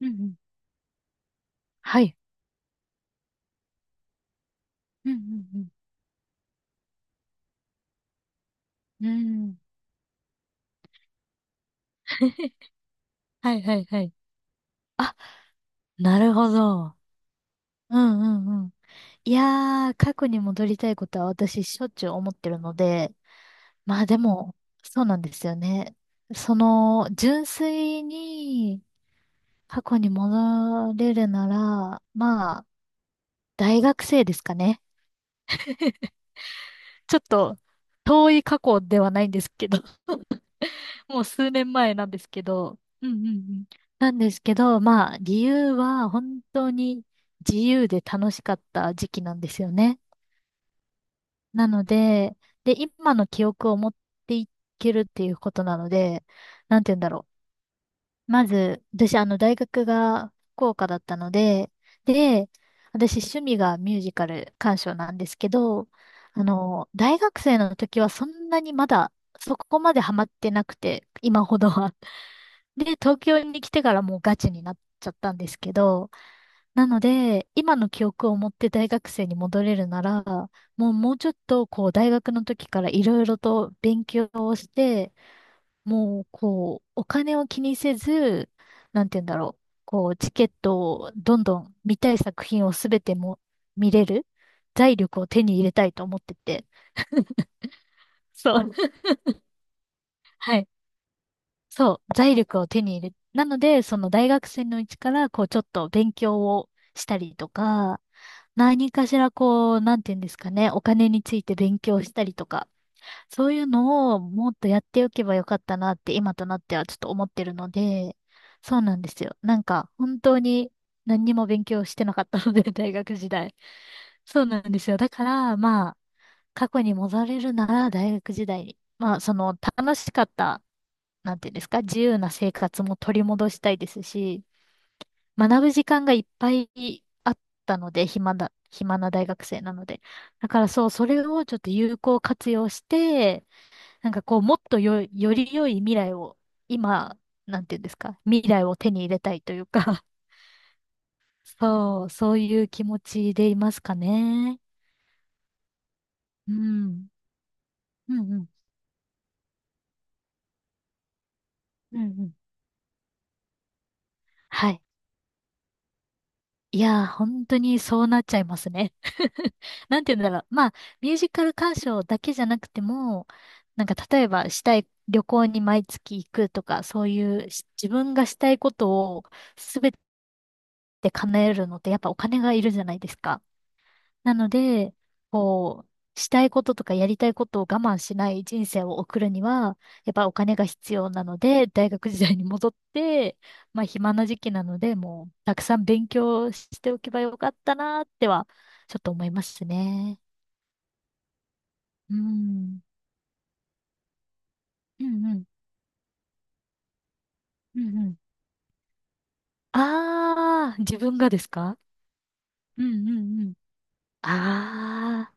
うんうん。はい。うんうんうん。うん。はいはいはい。あ、なるほど。うんうんうん。いやー、過去に戻りたいことは私しょっちゅう思ってるので、まあでも、そうなんですよね。その、純粋に過去に戻れるなら、まあ、大学生ですかね。ちょっと、遠い過去ではないんですけど、もう数年前なんですけど、うんうんうん。なんですけど、まあ、理由は本当に自由で楽しかった時期なんですよね。なので、で、今の記憶を持っていけるっていうことなので、なんて言うんだろう。まず、私、大学が福岡だったので、で、私、趣味がミュージカル鑑賞なんですけど、大学生の時はそんなにまだ、そこまでハマってなくて、今ほどは。で、東京に来てからもうガチになっちゃったんですけど、なので、今の記憶を持って大学生に戻れるなら、もうちょっと、こう、大学の時からいろいろと勉強をして、もう、こう、お金を気にせず、なんて言うんだろう。こう、チケットをどんどん見たい作品をすべても見れる財力を手に入れたいと思ってて。そう。はい。そう。財力を手に入れ、なので、その大学生のうちから、こう、ちょっと勉強をしたりとか、何かしら、こう、なんて言うんですかね。お金について勉強したりとか、そういうのをもっとやっておけばよかったなって今となってはちょっと思ってるので、そうなんですよ。なんか本当に何にも勉強してなかったので、大学時代。そうなんですよ。だから、まあ、過去に戻れるなら大学時代に。まあ、その楽しかった、なんていうんですか、自由な生活も取り戻したいですし、学ぶ時間がいっぱいあったので、暇な大学生なので。だからそう、それをちょっと有効活用して、なんかこう、もっとよ、より良い未来を、今、なんていうんですか、未来を手に入れたいというか、そう、そういう気持ちでいますかね。うん。うんうん。うんうん。はい。いやー、本当にそうなっちゃいますね。なんて言うんだろう。まあ、ミュージカル鑑賞だけじゃなくても、なんか例えばしたい旅行に毎月行くとか、そういうし自分がしたいことをすべて叶えるのってやっぱお金がいるじゃないですか。なので、こう、したいこととかやりたいことを我慢しない人生を送るには、やっぱお金が必要なので、大学時代に戻って、まあ暇な時期なので、もうたくさん勉強しておけばよかったなっては、ちょっと思いますね。うん。うんうん。うんうん。ああ、自分がですか。うんうんうん。ああ、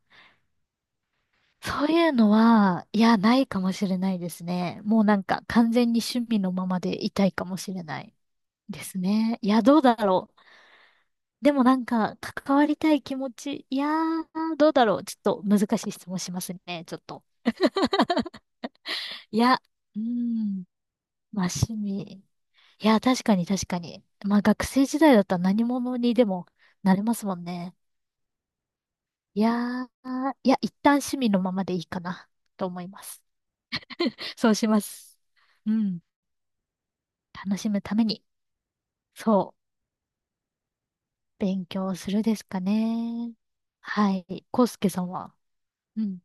そういうのは、いや、ないかもしれないですね。もうなんか完全に趣味のままでいたいかもしれない。ですね。いや、どうだろう。でもなんか、関わりたい気持ち。いやー、どうだろう。ちょっと難しい質問しますね。ちょっと。いや、うーん。まあ、趣味。いや、確かに確かに。まあ、学生時代だったら何者にでもなれますもんね。いやー、いや、一旦趣味のままでいいかな、と思います。そうします。うん。楽しむために、そう、勉強するですかね。はい。コウスケさんは。うん。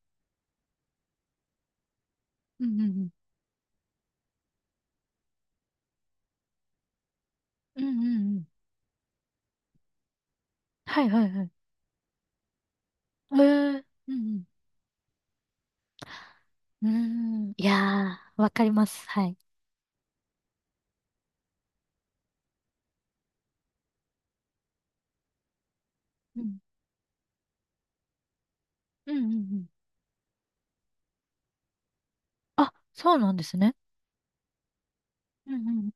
うんうんうんうんうんうん。はいはいはい。へえ、うんうん。うーん。いやー、わかります。はい。うん。うんうんうん。あ、そうなんですね。うんうん。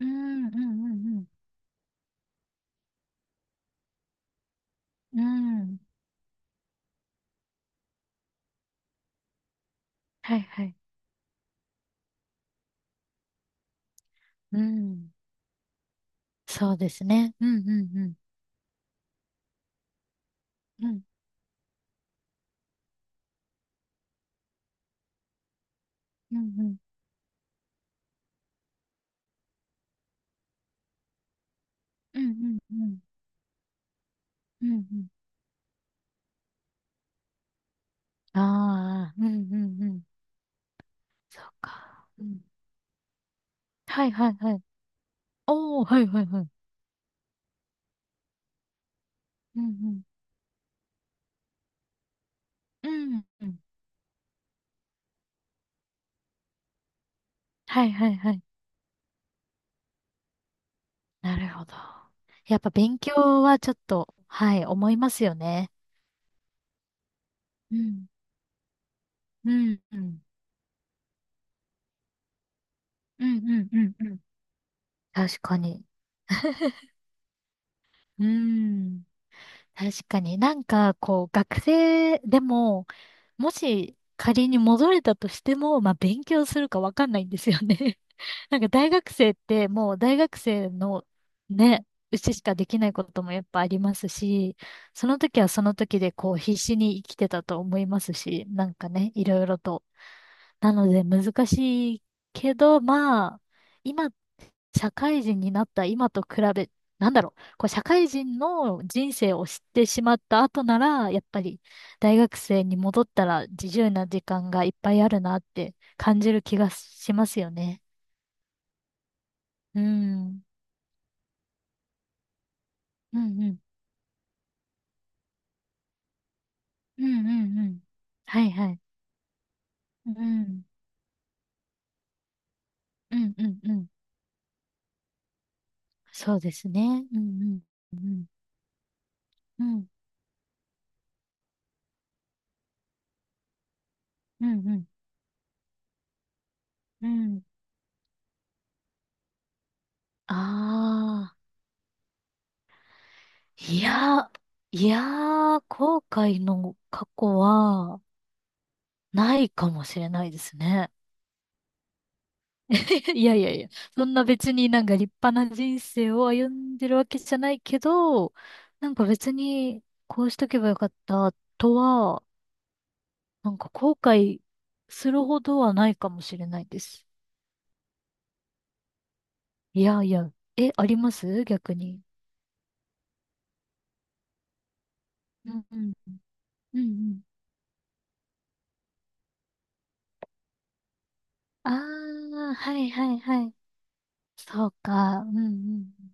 うんうんうんうん。うん。はいはい。うん。そうですね。うんうんうん。うんうんうん。うんうんうん。うんうん。ああ、うんうんうん。そうか。うん。はいはいはい。おー、はいはいはい。うんうん。うんうん。はいはいはい。なるほど。やっぱ勉強はちょっと、はい、思いますよね。うん。うん。うん。うん。うん。うんうん。確かに。うん。確かになんか、こう、学生でも、もし仮に戻れたとしても、まあ、勉強するかわかんないんですよね。なんか大学生ってもう大学生のね、うちしかできないこともやっぱありますし、その時はその時でこう必死に生きてたと思いますし、なんかね、いろいろとなので難しいけど、まあ、今、社会人になった今と比べ、なんだろう、こう社会人の人生を知ってしまった後なら、やっぱり大学生に戻ったら自由な時間がいっぱいあるなって感じる気がしますよね。うん。うんうん。うんうんうん。はいはい。うん。うんうんうん。そうですね。うんうん。うんうん。うんうん。うん。ああ。いや、いやー、後悔の過去は、ないかもしれないですね。いやいやいや、そんな別になんか立派な人生を歩んでるわけじゃないけど、なんか別にこうしとけばよかったとは、なんか後悔するほどはないかもしれないです。いやいや、え、あります逆に。うんうん。うんうん。ああ、はいはいはい。そうか。うんうん。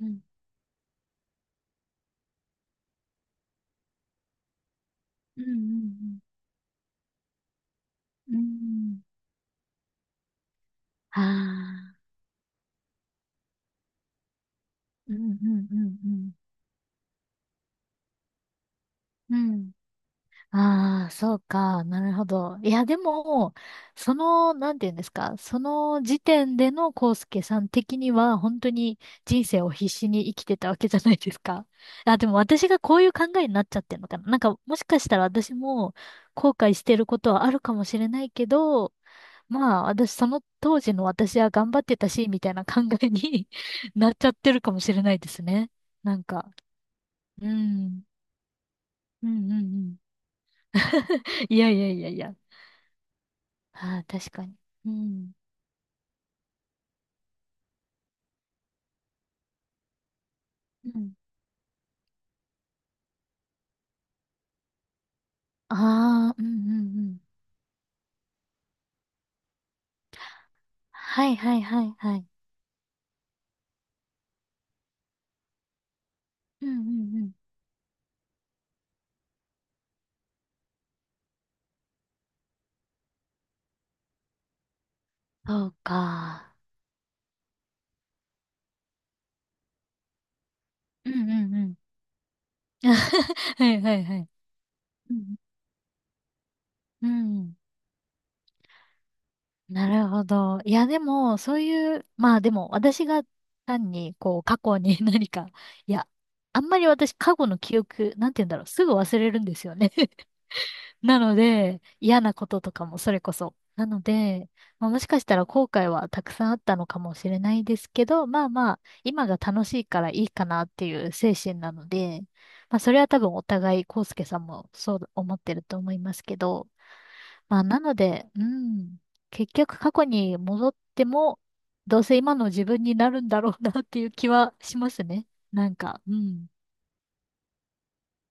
うん。うんうんうんうん。ああ、うん、うん、うん、うん。うん。ああ、そうか。なるほど。いや、でも、その、なんていうんですか。その時点でのコウスケさん的には、本当に人生を必死に生きてたわけじゃないですか。あ、でも私がこういう考えになっちゃってるのかな。なんか、もしかしたら私も後悔してることはあるかもしれないけど、まあ、私、その当時の私は頑張ってたし、みたいな考えに なっちゃってるかもしれないですね。なんか。うん。うんうんうん。いやいやいやいや。ああ、確かに。うん。うん。ああ、うんうんうん。はいはいはいはい。うんうんうん。そうか。うんうんうん。はいはいはい。うん。うん、なるほど。いやでも、そういう、まあでも、私が単に、こう、過去に 何か、いや、あんまり私、過去の記憶、なんて言うんだろう、すぐ忘れるんですよね。なので、嫌なこととかもそれこそ。なので、まあ、もしかしたら後悔はたくさんあったのかもしれないですけど、まあまあ、今が楽しいからいいかなっていう精神なので、まあそれは多分お互い、康介さんもそう思ってると思いますけど、まあなので、うん、結局過去に戻っても、どうせ今の自分になるんだろうなっていう気はしますね。なんか、うん、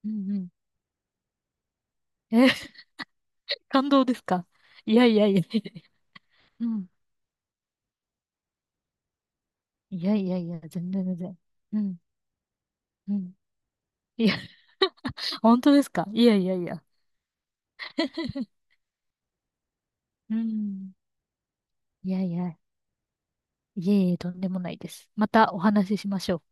うんうん。え、感動ですか。いやいやいや。うん、いやいやいや、全然全然。うん、うん。いや、本当ですか。いやいやいや。うん。いやいや、いえいえ、とんでもないです。またお話ししましょう。